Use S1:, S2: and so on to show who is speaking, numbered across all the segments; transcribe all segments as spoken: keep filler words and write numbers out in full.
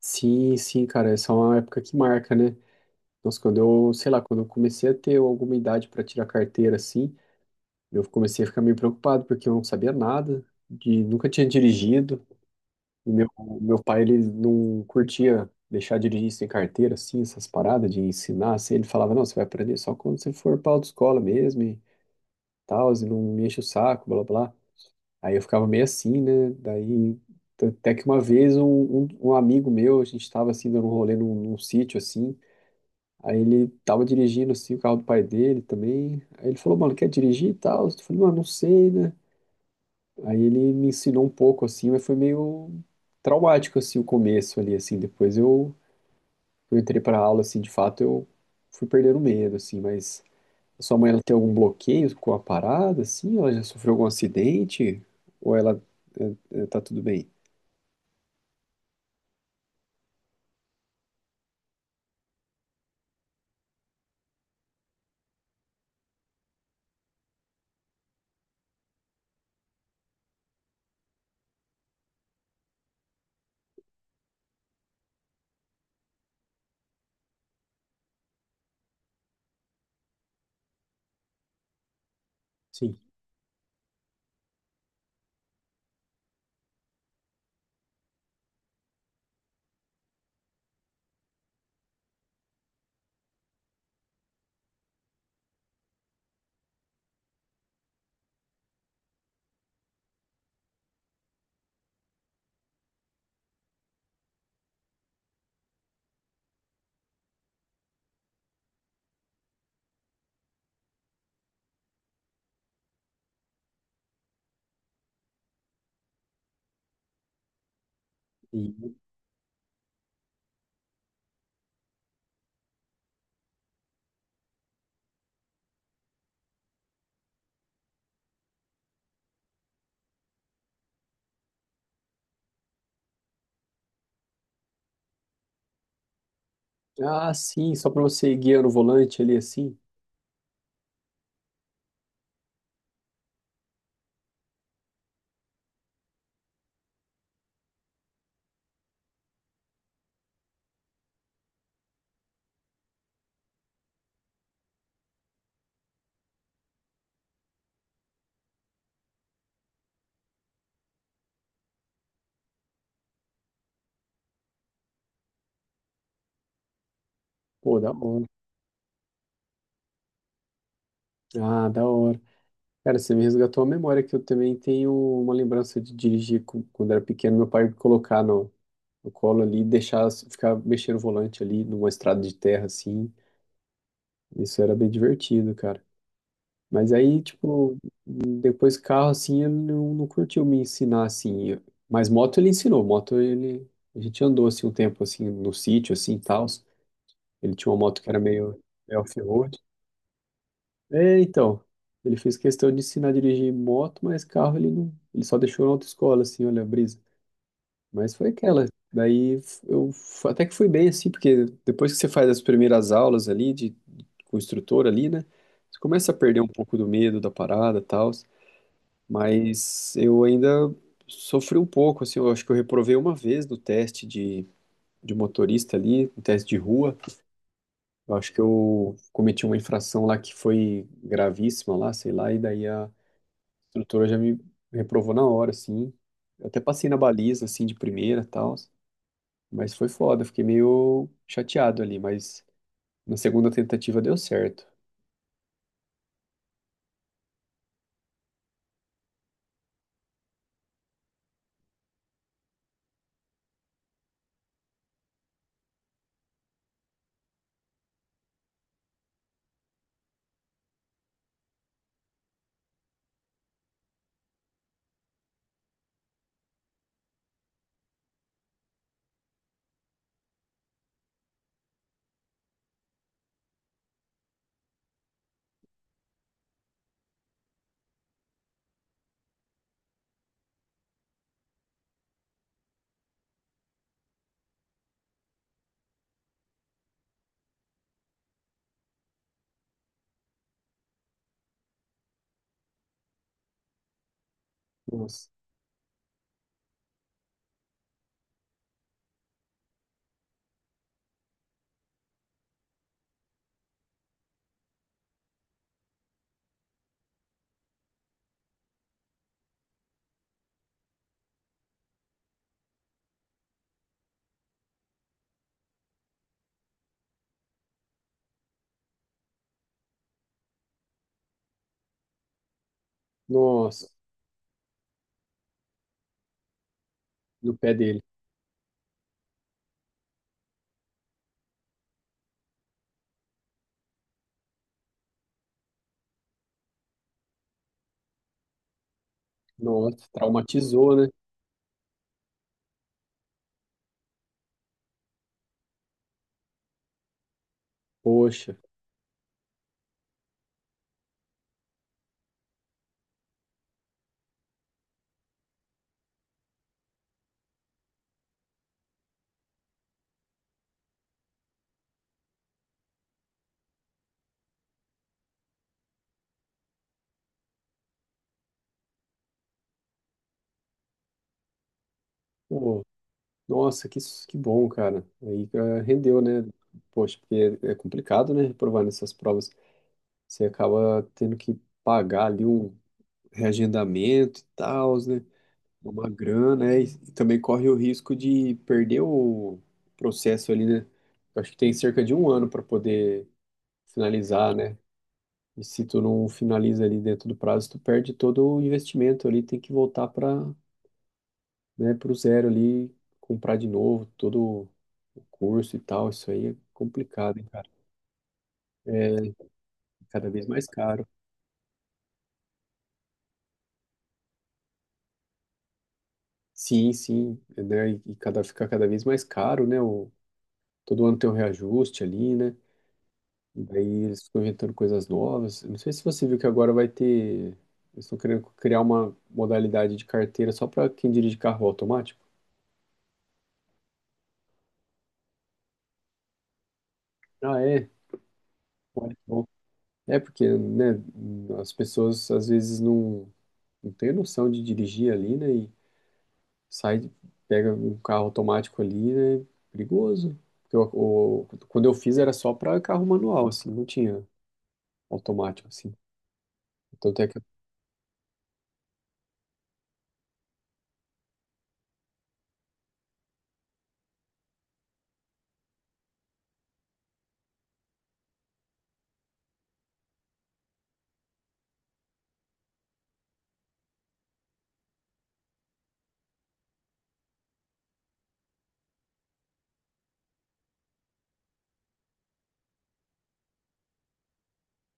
S1: Sim, sim, cara, essa é uma época que marca, né? Nossa, quando eu, sei lá, quando eu comecei a ter alguma idade para tirar carteira, assim, eu comecei a ficar meio preocupado, porque eu não sabia nada, de, nunca tinha dirigido, e meu, meu pai, ele não curtia deixar dirigir sem carteira, assim, essas paradas de ensinar, assim, ele falava, não, você vai aprender só quando você for pra autoescola mesmo, e tal, e não me enche o saco, blá, blá. Aí eu ficava meio assim, né? Daí, até que uma vez um, um, um amigo meu, a gente estava assim, dando um rolê num, num sítio, assim, aí ele tava dirigindo assim o carro do pai dele também. Aí ele falou, mano, quer dirigir e tal? Eu falei, mano, não sei, né? Aí ele me ensinou um pouco assim, mas foi meio traumático assim o começo ali, assim. Depois eu, eu entrei pra aula, assim, de fato eu fui perdendo o medo, assim. Mas a sua mãe, ela tem algum bloqueio com a parada, assim? Ela já sofreu algum acidente? Ou ela é, é, tá tudo bem? Sim. E, ah, sim, só pra você ir guiando o volante ali, assim. Pô, da hora. Ah, da hora. Cara, você me resgatou a memória que eu também tenho uma lembrança de dirigir com- quando era pequeno, meu pai me colocar no, no colo ali e deixar ficar mexendo o volante ali numa estrada de terra assim. Isso era bem divertido, cara. Mas aí, tipo, depois carro assim, ele não, não curtiu me ensinar assim. Mas moto ele ensinou, moto ele a gente andou assim um tempo assim no sítio assim, tal. Ele tinha uma moto que era meio meio off-road. É, então, ele fez questão de ensinar a dirigir moto, mas carro ele não, ele só deixou na autoescola, assim, olha a brisa. Mas foi aquela. Daí eu f- até que fui bem, assim, porque depois que você faz as primeiras aulas ali de, de- com o instrutor ali, né, você começa a perder um pouco do medo da parada, tal. Mas eu ainda sofri um pouco, assim, eu acho que eu reprovei uma vez no teste de, de motorista ali, no teste de rua. Eu acho que eu cometi uma infração lá que foi gravíssima lá, sei lá, e daí a A instrutora já me reprovou na hora, assim. Eu até passei na baliza, assim, de primeira e tal. Mas foi foda, fiquei meio chateado ali. Mas na segunda tentativa deu certo. Nossa, nossa, no pé dele. Nossa, traumatizou, né? Poxa, pô, nossa, que, s- que bom, cara. Aí eh, rendeu, né? Poxa, porque é complicado, né? Reprovar nessas provas. Você acaba tendo que pagar ali um reagendamento e tal, né? Uma grana, né? E e também corre o risco de perder o processo ali, né? Eu acho que tem cerca de um ano para poder finalizar, né? E se tu não finaliza ali dentro do prazo, tu perde todo o investimento ali, tem que voltar para, né, para o zero ali, comprar de novo todo o curso e tal. Isso aí é complicado, hein, cara? É cada vez mais caro. Sim, sim, né? E e cada, fica cada vez mais caro, né? O, todo ano tem um reajuste ali, né? Daí eles ficam inventando coisas novas. Não sei se você viu que agora vai ter. Eles estão querendo criar uma modalidade de carteira só para quem dirige carro automático. Ah, é? Olha que bom. É porque, né, as pessoas às vezes não, não têm noção de dirigir ali, né? E sai, pega um carro automático ali, né? Perigoso. Porque eu- o- quando eu fiz era só para carro manual, assim, não tinha automático, assim. Então tem que.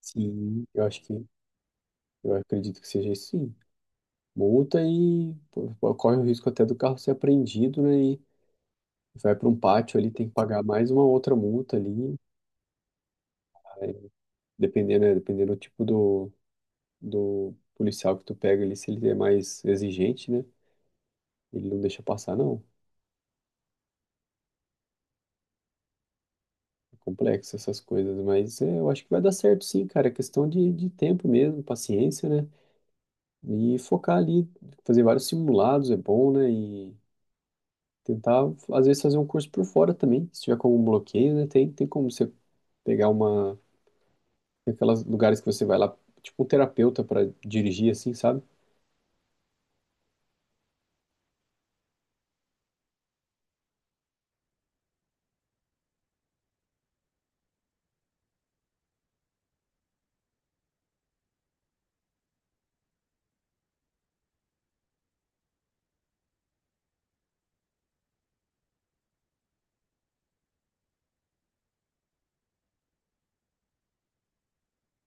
S1: Sim, eu acho que. Eu acredito que seja isso, sim. Multa e pô, corre o risco até do carro ser apreendido, né? E vai para um pátio ali, tem que pagar mais uma outra multa ali, aí, dependendo, né, dependendo do tipo do, do policial que tu pega ali, se ele é mais exigente, né? Ele não deixa passar, não. É complexo essas coisas, mas é, eu acho que vai dar certo sim, cara. É questão de, de tempo mesmo, paciência, né? E focar ali, fazer vários simulados é bom, né? E tentar, às vezes, fazer um curso por fora também. Se tiver como um bloqueio, né? Tem, tem como você pegar uma, tem aqueles lugares que você vai lá, tipo um terapeuta pra dirigir, assim, sabe?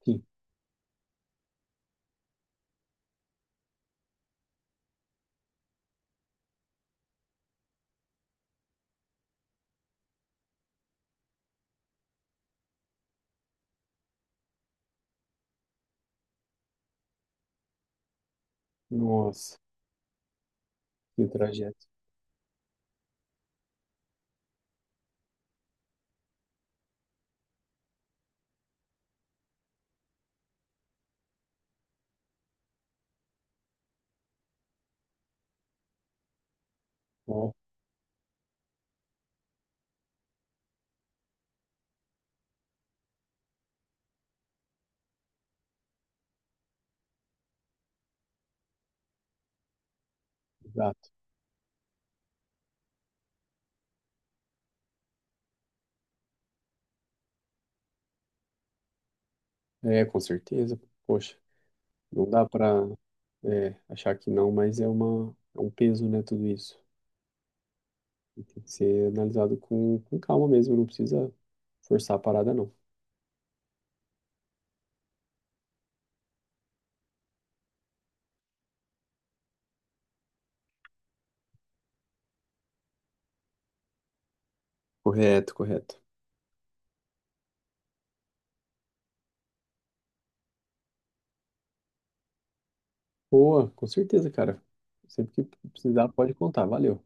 S1: Sim. Nossa, que trajeto. Ó, exato. É, com certeza. Poxa, não dá pra é, achar que não, mas é uma, é um peso, né, tudo isso. E tem que ser analisado com, com calma mesmo, não precisa forçar a parada, não. Correto, correto. Boa, com certeza, cara. Sempre que precisar, pode contar. Valeu.